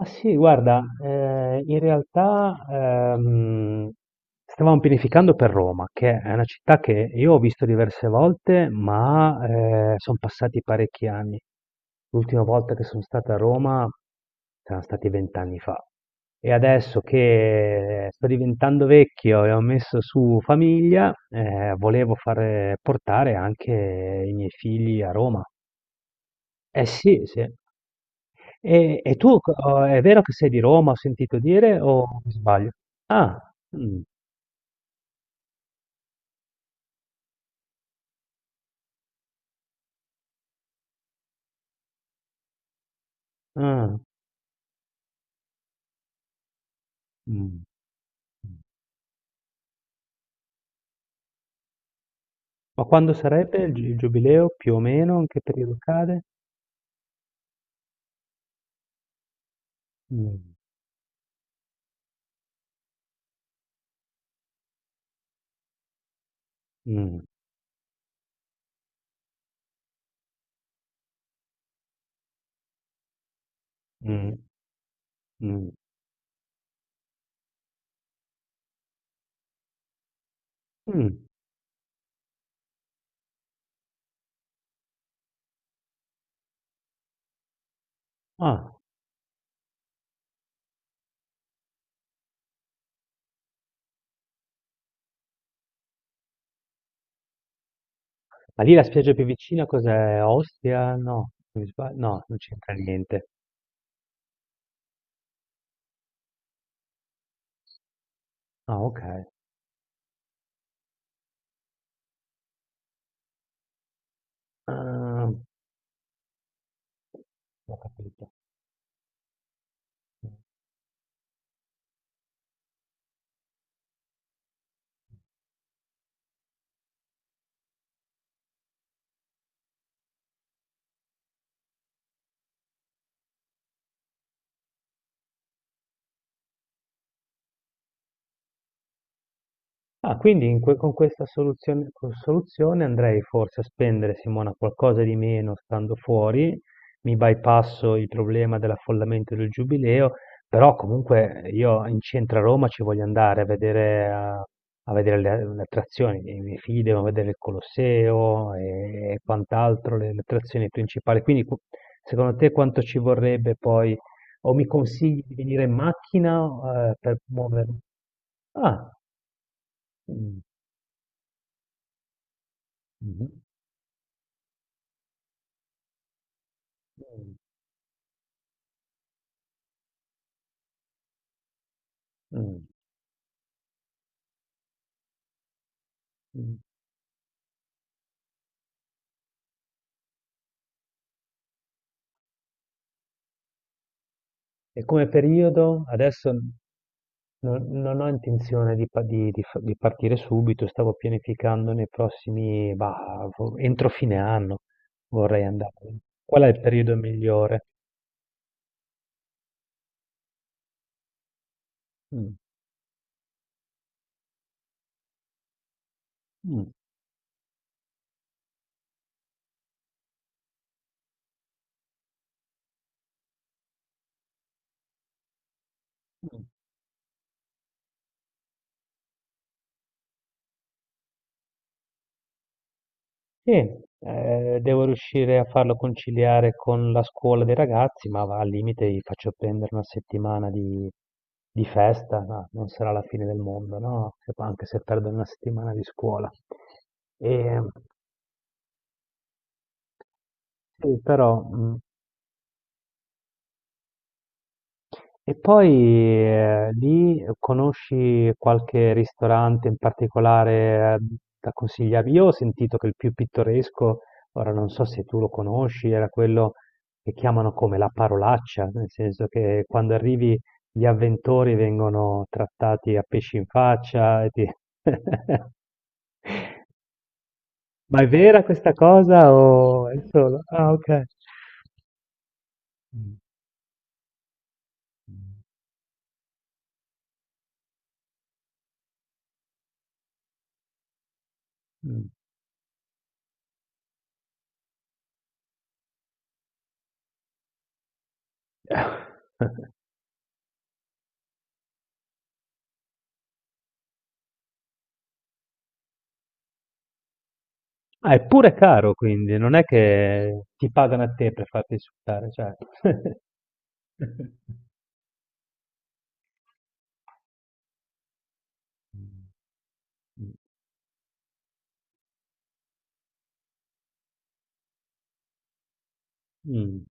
Ah sì, guarda, in realtà stavamo pianificando per Roma, che è una città che io ho visto diverse volte, ma sono passati parecchi anni. L'ultima volta che sono stato a Roma saranno stati 20 anni fa. E adesso che sto diventando vecchio e ho messo su famiglia, volevo fare, portare anche i miei figli a Roma. Eh sì, sì. E tu, oh, è vero che sei di Roma, ho sentito dire, o mi sbaglio? Ah, mm, ah, mm. Mm. Ma quando sarebbe il giubileo, più o meno, in che periodo cade? Mm, mm, mm, mm, mm. Ah, ma lì la spiaggia più vicina cos'è? Ostia? No, mi sbaglio? No, non c'entra niente. Ah, ok. Ah, ho capito. Ah, quindi in con questa soluzione, con soluzione andrei forse a spendere, Simona, qualcosa di meno stando fuori, mi bypasso il problema dell'affollamento del Giubileo, però comunque io in centro a Roma ci voglio andare a vedere, a vedere le attrazioni, i miei figli devono vedere il Colosseo e quant'altro, le attrazioni principali. Quindi secondo te quanto ci vorrebbe poi, o mi consigli di venire in macchina, per muovermi? Ah, mm. Mh-mh. Mh, mh, mh. E come periodo adesso non ho intenzione di pa di f di partire subito, stavo pianificando nei prossimi, bah, fo entro fine anno vorrei andare. Qual è il periodo migliore? Mh, mh, mh. Sì, devo riuscire a farlo conciliare con la scuola dei ragazzi, ma va, al limite gli faccio prendere una settimana di festa, no, non sarà la fine del mondo, no? Anche se perdo una settimana di scuola. E, sì, però, mh. E poi lì conosci qualche ristorante in particolare da consigliarmi? Io ho sentito che il più pittoresco, ora non so se tu lo conosci, era quello che chiamano come la parolaccia, nel senso che quando arrivi gli avventori vengono trattati a pesci in faccia Ma è vera questa cosa o è solo? Ah, ok. Mm. Mm. Ah, è pure caro, quindi non è che ti pagano a te per farti insultare, cioè. Mm,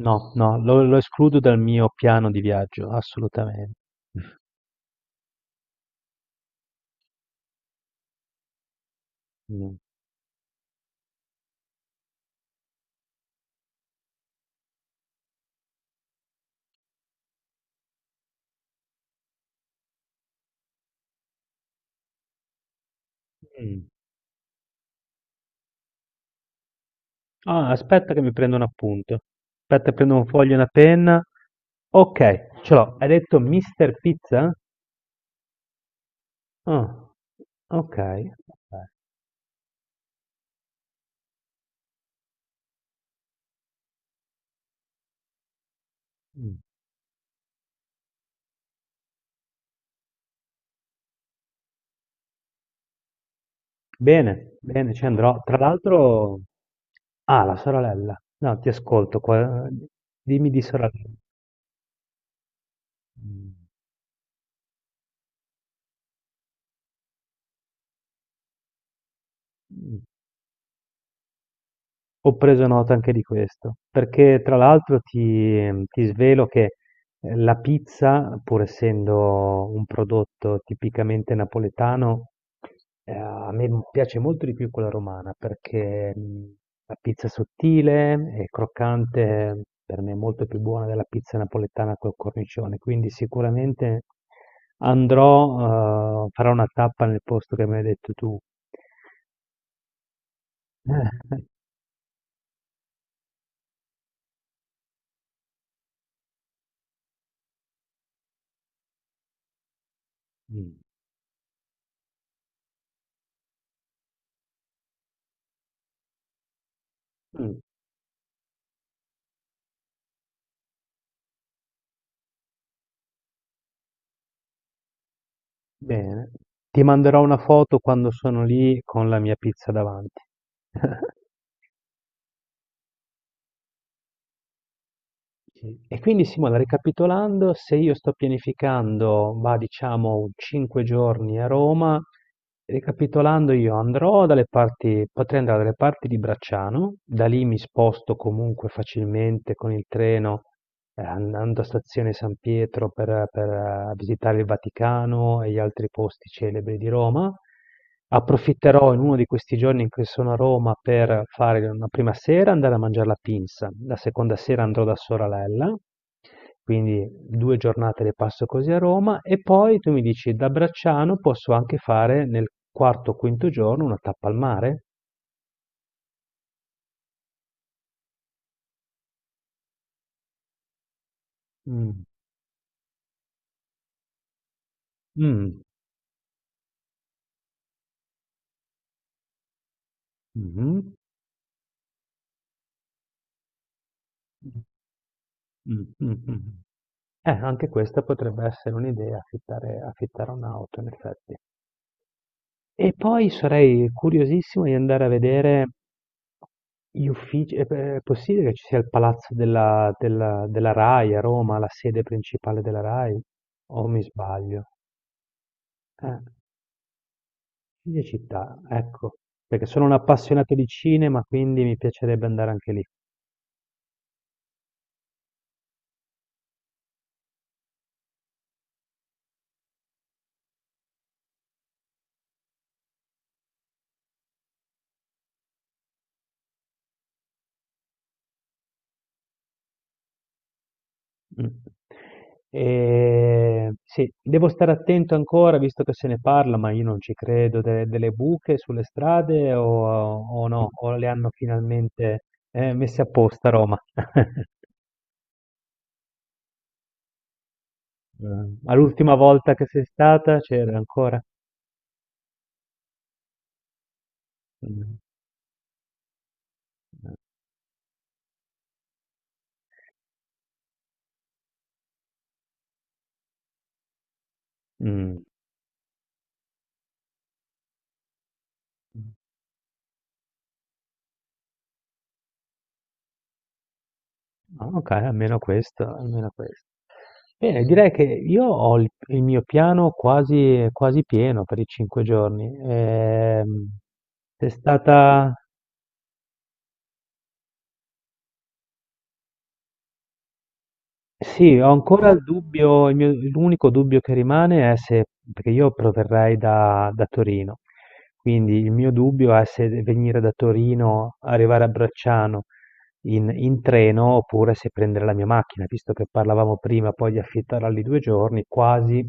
no, no, lo escludo dal mio piano di viaggio, assolutamente. Mm. Mm. Ah, aspetta che mi prendo un appunto. Aspetta, prendo un foglio e una penna. Ok, ce l'ho. Hai detto Mr. Pizza? Ah, ok. Ok. Mm. Bene, bene, ci andrò. Tra l'altro, ah, la sorella. No, ti ascolto qua. Dimmi di sorella. Mm, ho preso nota anche di questo, perché tra l'altro ti svelo che la pizza, pur essendo un prodotto tipicamente napoletano, a me piace molto di più quella romana, perché la pizza è sottile e croccante per me è molto più buona della pizza napoletana col cornicione, quindi sicuramente andrò, farò una tappa nel posto che mi hai detto tu. Mm. Mm. Bene, ti manderò una foto quando sono lì con la mia pizza davanti. Sì. E quindi Simona, ricapitolando, se io sto pianificando, va, diciamo, 5 giorni a Roma, ricapitolando io andrò dalle parti, potrei andare dalle parti di Bracciano, da lì mi sposto comunque facilmente con il treno, andando a stazione San Pietro visitare il Vaticano e gli altri posti celebri di Roma. Approfitterò in uno di questi giorni in cui sono a Roma per fare una prima sera andare a mangiare la pinza, la seconda sera andrò da Soralella, quindi 2 giornate le passo così a Roma e poi tu mi dici da Bracciano posso anche fare nel quarto o quinto giorno una tappa al mare? Mm. Mm. Mhm. Mm, mm, mm. Anche questa potrebbe essere un'idea, affittare un'auto in effetti. E poi sarei curiosissimo di andare a vedere gli uffici, è è possibile che ci sia il palazzo della Rai a Roma, la sede principale della Rai? O mi sbaglio? Eh, di città, ecco, perché sono un appassionato di cinema, quindi mi piacerebbe andare anche lì. Mm. E, sì, devo stare attento ancora, visto che se ne parla, ma io non ci credo, delle buche sulle strade o no, o le hanno finalmente messe apposta a Roma. Mh. Ma l'ultima volta che sei stata c'era ancora? Mh. Mh. Ah, okay, almeno questo, almeno questo. Bene, direi che io ho il mio piano quasi quasi pieno per i 5 giorni. Sei stata, sì, ho ancora il dubbio il mio l'unico dubbio che rimane è se, perché io proverrei da Torino, quindi il mio dubbio è se venire da Torino, arrivare a Bracciano in treno oppure se prendere la mia macchina, visto che parlavamo prima poi di affittarla lì 2 giorni, quasi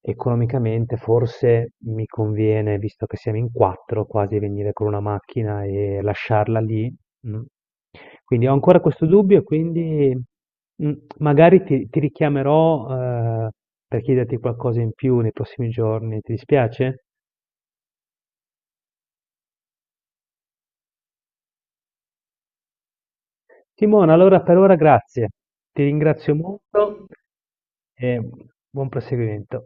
economicamente forse mi conviene, visto che siamo in 4, quasi venire con una macchina e lasciarla lì, mh. Quindi ho ancora questo dubbio e quindi, mh, magari ti richiamerò, per chiederti qualcosa in più nei prossimi giorni, ti dispiace? Simona, allora per ora grazie. Ti ringrazio molto e buon proseguimento.